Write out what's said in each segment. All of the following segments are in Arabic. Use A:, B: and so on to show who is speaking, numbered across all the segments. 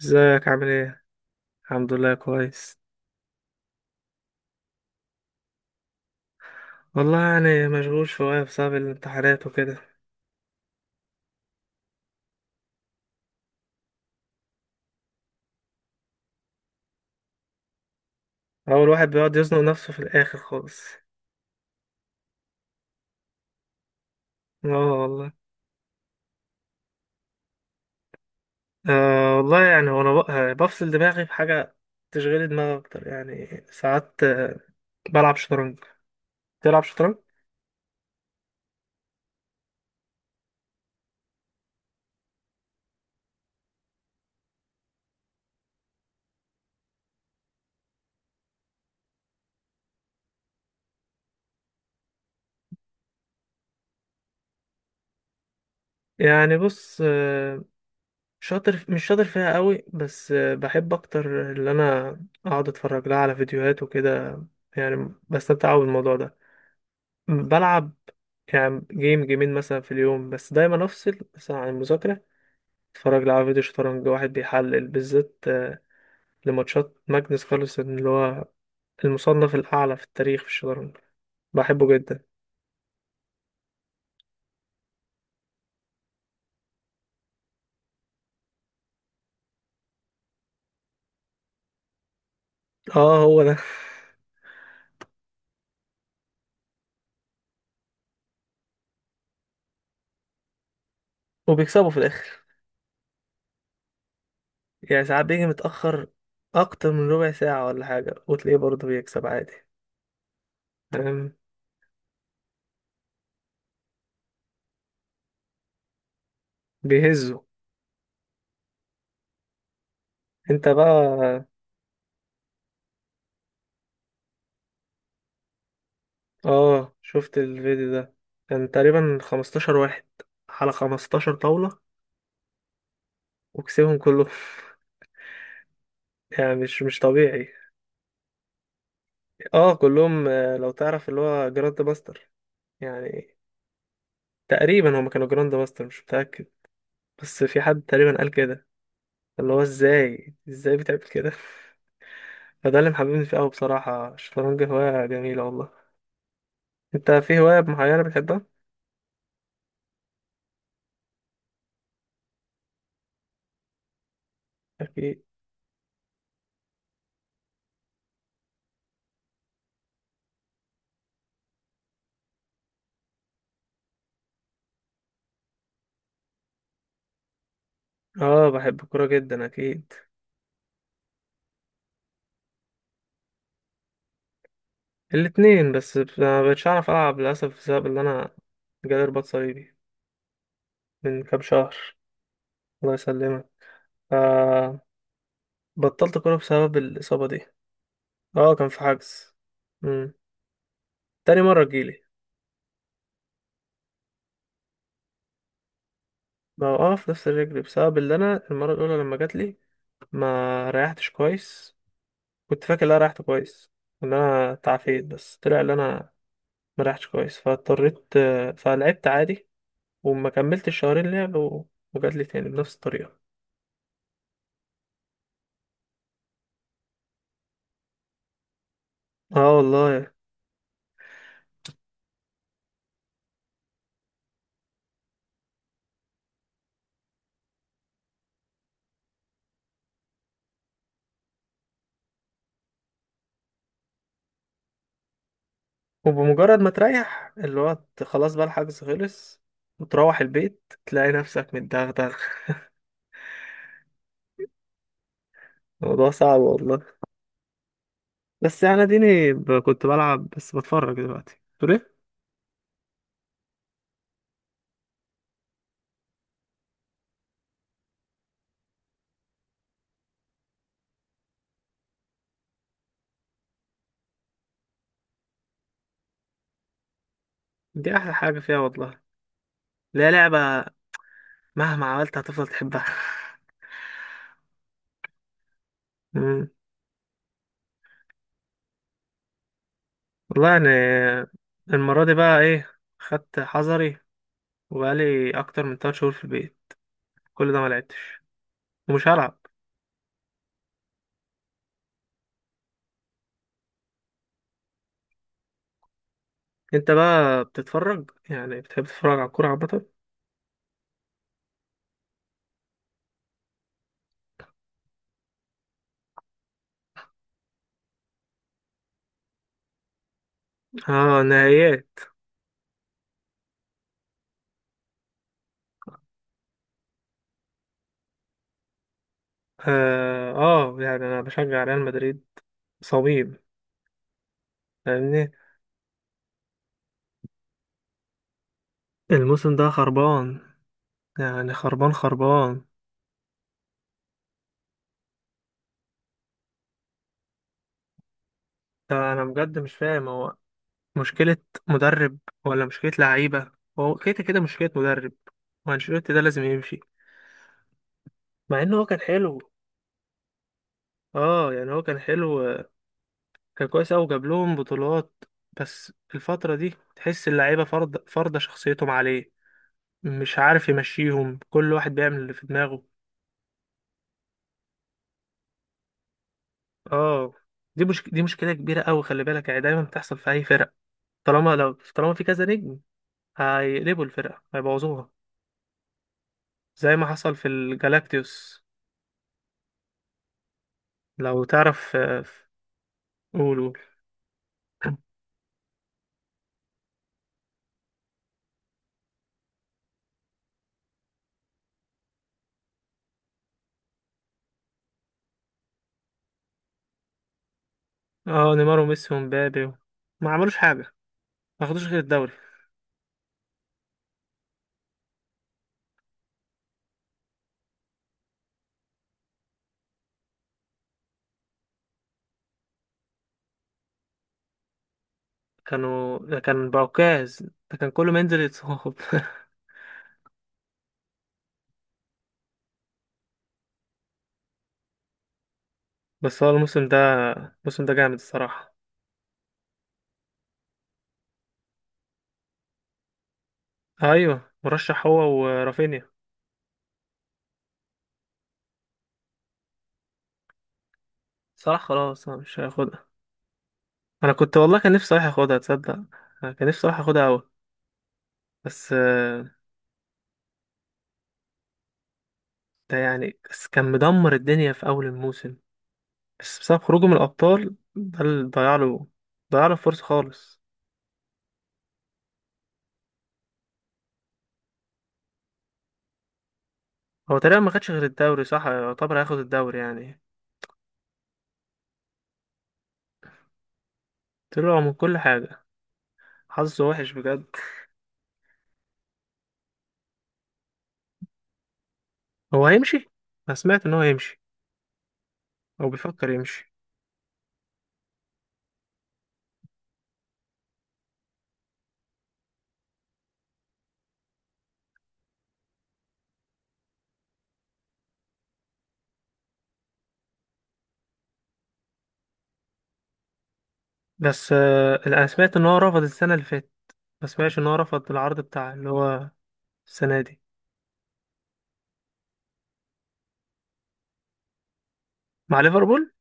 A: ازيك عامل ايه؟ الحمد لله كويس. والله يعني مشغول شوية بسبب الامتحانات وكده. هو الواحد بيقعد يزنق نفسه في الآخر خالص. اه والله. آه والله يعني وانا بفصل دماغي بحاجة. تشغيل دماغي أكتر يعني ساعات بلعب شطرنج. تلعب شطرنج؟ يعني بص، شاطر مش شاطر فيها قوي بس بحب أكتر إن أنا أقعد أتفرج لها على فيديوهات وكده. يعني بستمتع أوي بالموضوع ده. بلعب يعني جيم جيمين مثلا في اليوم، بس دايما افصل مثلا عن المذاكرة. اتفرج لي على فيديو شطرنج واحد بيحلل بالذات لماتشات ماجنس كارلسن، اللي هو المصنف الأعلى في التاريخ في الشطرنج. بحبه جدا. اه هو ده وبيكسبوا في الآخر. يعني ساعات بيجي متأخر أكتر من ربع ساعة ولا حاجة، وتلاقيه برضه بيكسب عادي. تمام. بيهزوا. انت بقى. اه شفت الفيديو ده، كان تقريبا 15 واحد على 15 طاولة، وكسبهم كلهم يعني مش طبيعي. اه كلهم. لو تعرف اللي هو جراند باستر يعني. تقريبا هما كانوا جراند باستر، مش متأكد، بس في حد تقريبا قال كده، اللي هو ازاي ازاي بتعمل كده فده اللي محببني فيه قوي بصراحة. الشطرنج هواية جميلة والله. انت في هواية معينة بتحبها؟ اكيد. اه بحب الكورة جدا اكيد. الاتنين، بس ما بقتش اعرف العب للأسف بسبب اللي انا جالي رباط صليبي من كام شهر. الله يسلمك. آه، بطلت كورة بسبب الإصابة دي. اه كان في حجز. مم. تاني مرة تجيلي. ما هو في نفس الرجل بسبب اللي أنا المرة الأولى لما جاتلي ما ريحتش كويس. كنت فاكر إن أنا ريحت كويس، إن أنا تعافيت، بس طلع إن أنا ما ريحتش كويس، فاضطريت فلعبت عادي. وما كملتش شهرين لعب وجاتلي تاني بنفس الطريقة. اه والله. وبمجرد ما تريح اللي هو خلاص بقى الحجز خلص وتروح البيت تلاقي نفسك متدغدغ. الموضوع صعب والله. بس انا كنت بلعب بس بتفرج دلوقتي تقول ايه. دي احلى حاجه فيها والله. لا لعبه. مهما عملت هتفضل تحبها. مم. والله يعني المره دي بقى ايه، خدت حذري وبقالي اكتر من 3 شهور في البيت كل ده ما لعبتش. ومش هلعب. انت بقى بتتفرج؟ يعني بتحب تتفرج على الكوره عامه؟ اه نهائيات. يعني انا بشجع ريال مدريد، صميم، فاهمني. الموسم ده خربان، يعني خربان خربان. انا بجد مش فاهم هو مشكلة مدرب ولا مشكلة لعيبة. هو كده كده مشكلة مدرب، وانشيلوتي ده لازم يمشي. مع انه هو كان حلو. اه يعني هو كان حلو، كان كويس اوي، جاب لهم بطولات. بس الفترة دي تحس اللعيبة فرض فرضة شخصيتهم عليه، مش عارف يمشيهم، كل واحد بيعمل اللي في دماغه. اه. دي مش دي مشكلة كبيرة اوي، خلي بالك، يعني دايما بتحصل في اي فرق. طالما في كذا نجم هيقلبوا الفرقة هيبوظوها. زي ما حصل في الجالاكتيوس. لو تعرف. قول قول. اه نيمار وميسي ومبابي ما عملوش حاجة. ما خدوش غير الدوري. كانوا، ده كان بعكاز، ده كان كل ما ينزل يتصاب بس هو الموسم ده جامد الصراحة. ايوه مرشح هو ورافينيا. صلاح خلاص هو مش هياخدها. انا كنت والله كان نفسي صلاح ياخدها، تصدق؟ أنا كان نفسي صلاح ياخدها اوي. بس آه، ده يعني بس كان مدمر الدنيا في اول الموسم، بس بسبب خروجه من الابطال ده اللي ضيع له فرصة خالص. هو تقريبا ما خدش غير الدوري، صح؟ يعتبر هياخد الدوري يعني. طلع من كل حاجة، حظه وحش بجد. هو هيمشي. أنا سمعت إن هو هيمشي أو بيفكر يمشي. بس آه، أنا سمعت إن هو رفض السنة اللي فاتت، ما سمعتش إن هو رفض العرض بتاع اللي هو السنة دي مع ليفربول.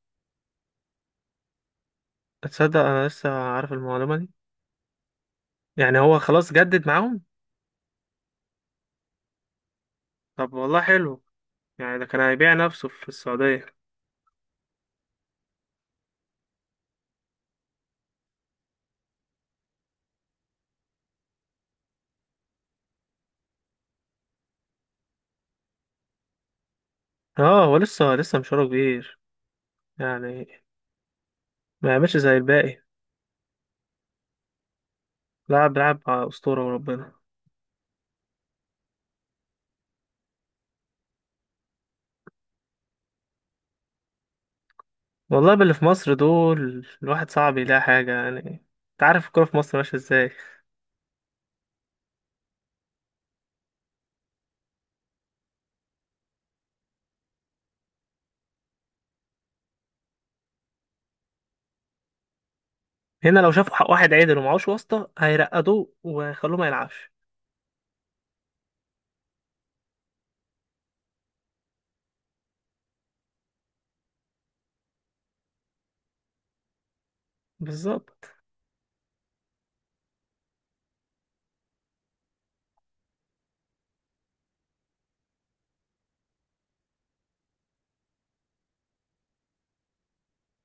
A: تصدق أنا لسه عارف المعلومة دي. يعني هو خلاص جدد معاهم؟ طب والله حلو. يعني ده كان هيبيع نفسه في السعودية. اه هو لسه مشواره كبير يعني. ما يعملش زي الباقي. لاعب بيلعب على أسطورة وربنا. والله باللي في مصر دول الواحد صعب يلاقي حاجة يعني، انت عارف الكورة في مصر ماشية ازاي. هنا لو شافوا حق واحد عدل ومعهوش واسطة هيرقدوه ويخلوه ما يلعبش. بالظبط.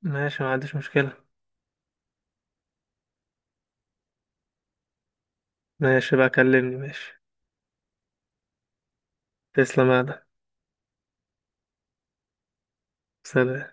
A: ماشي، ما عنديش مشكلة. ماشي بقى، كلمني، ماشي. تسلم يا آدم. سلام.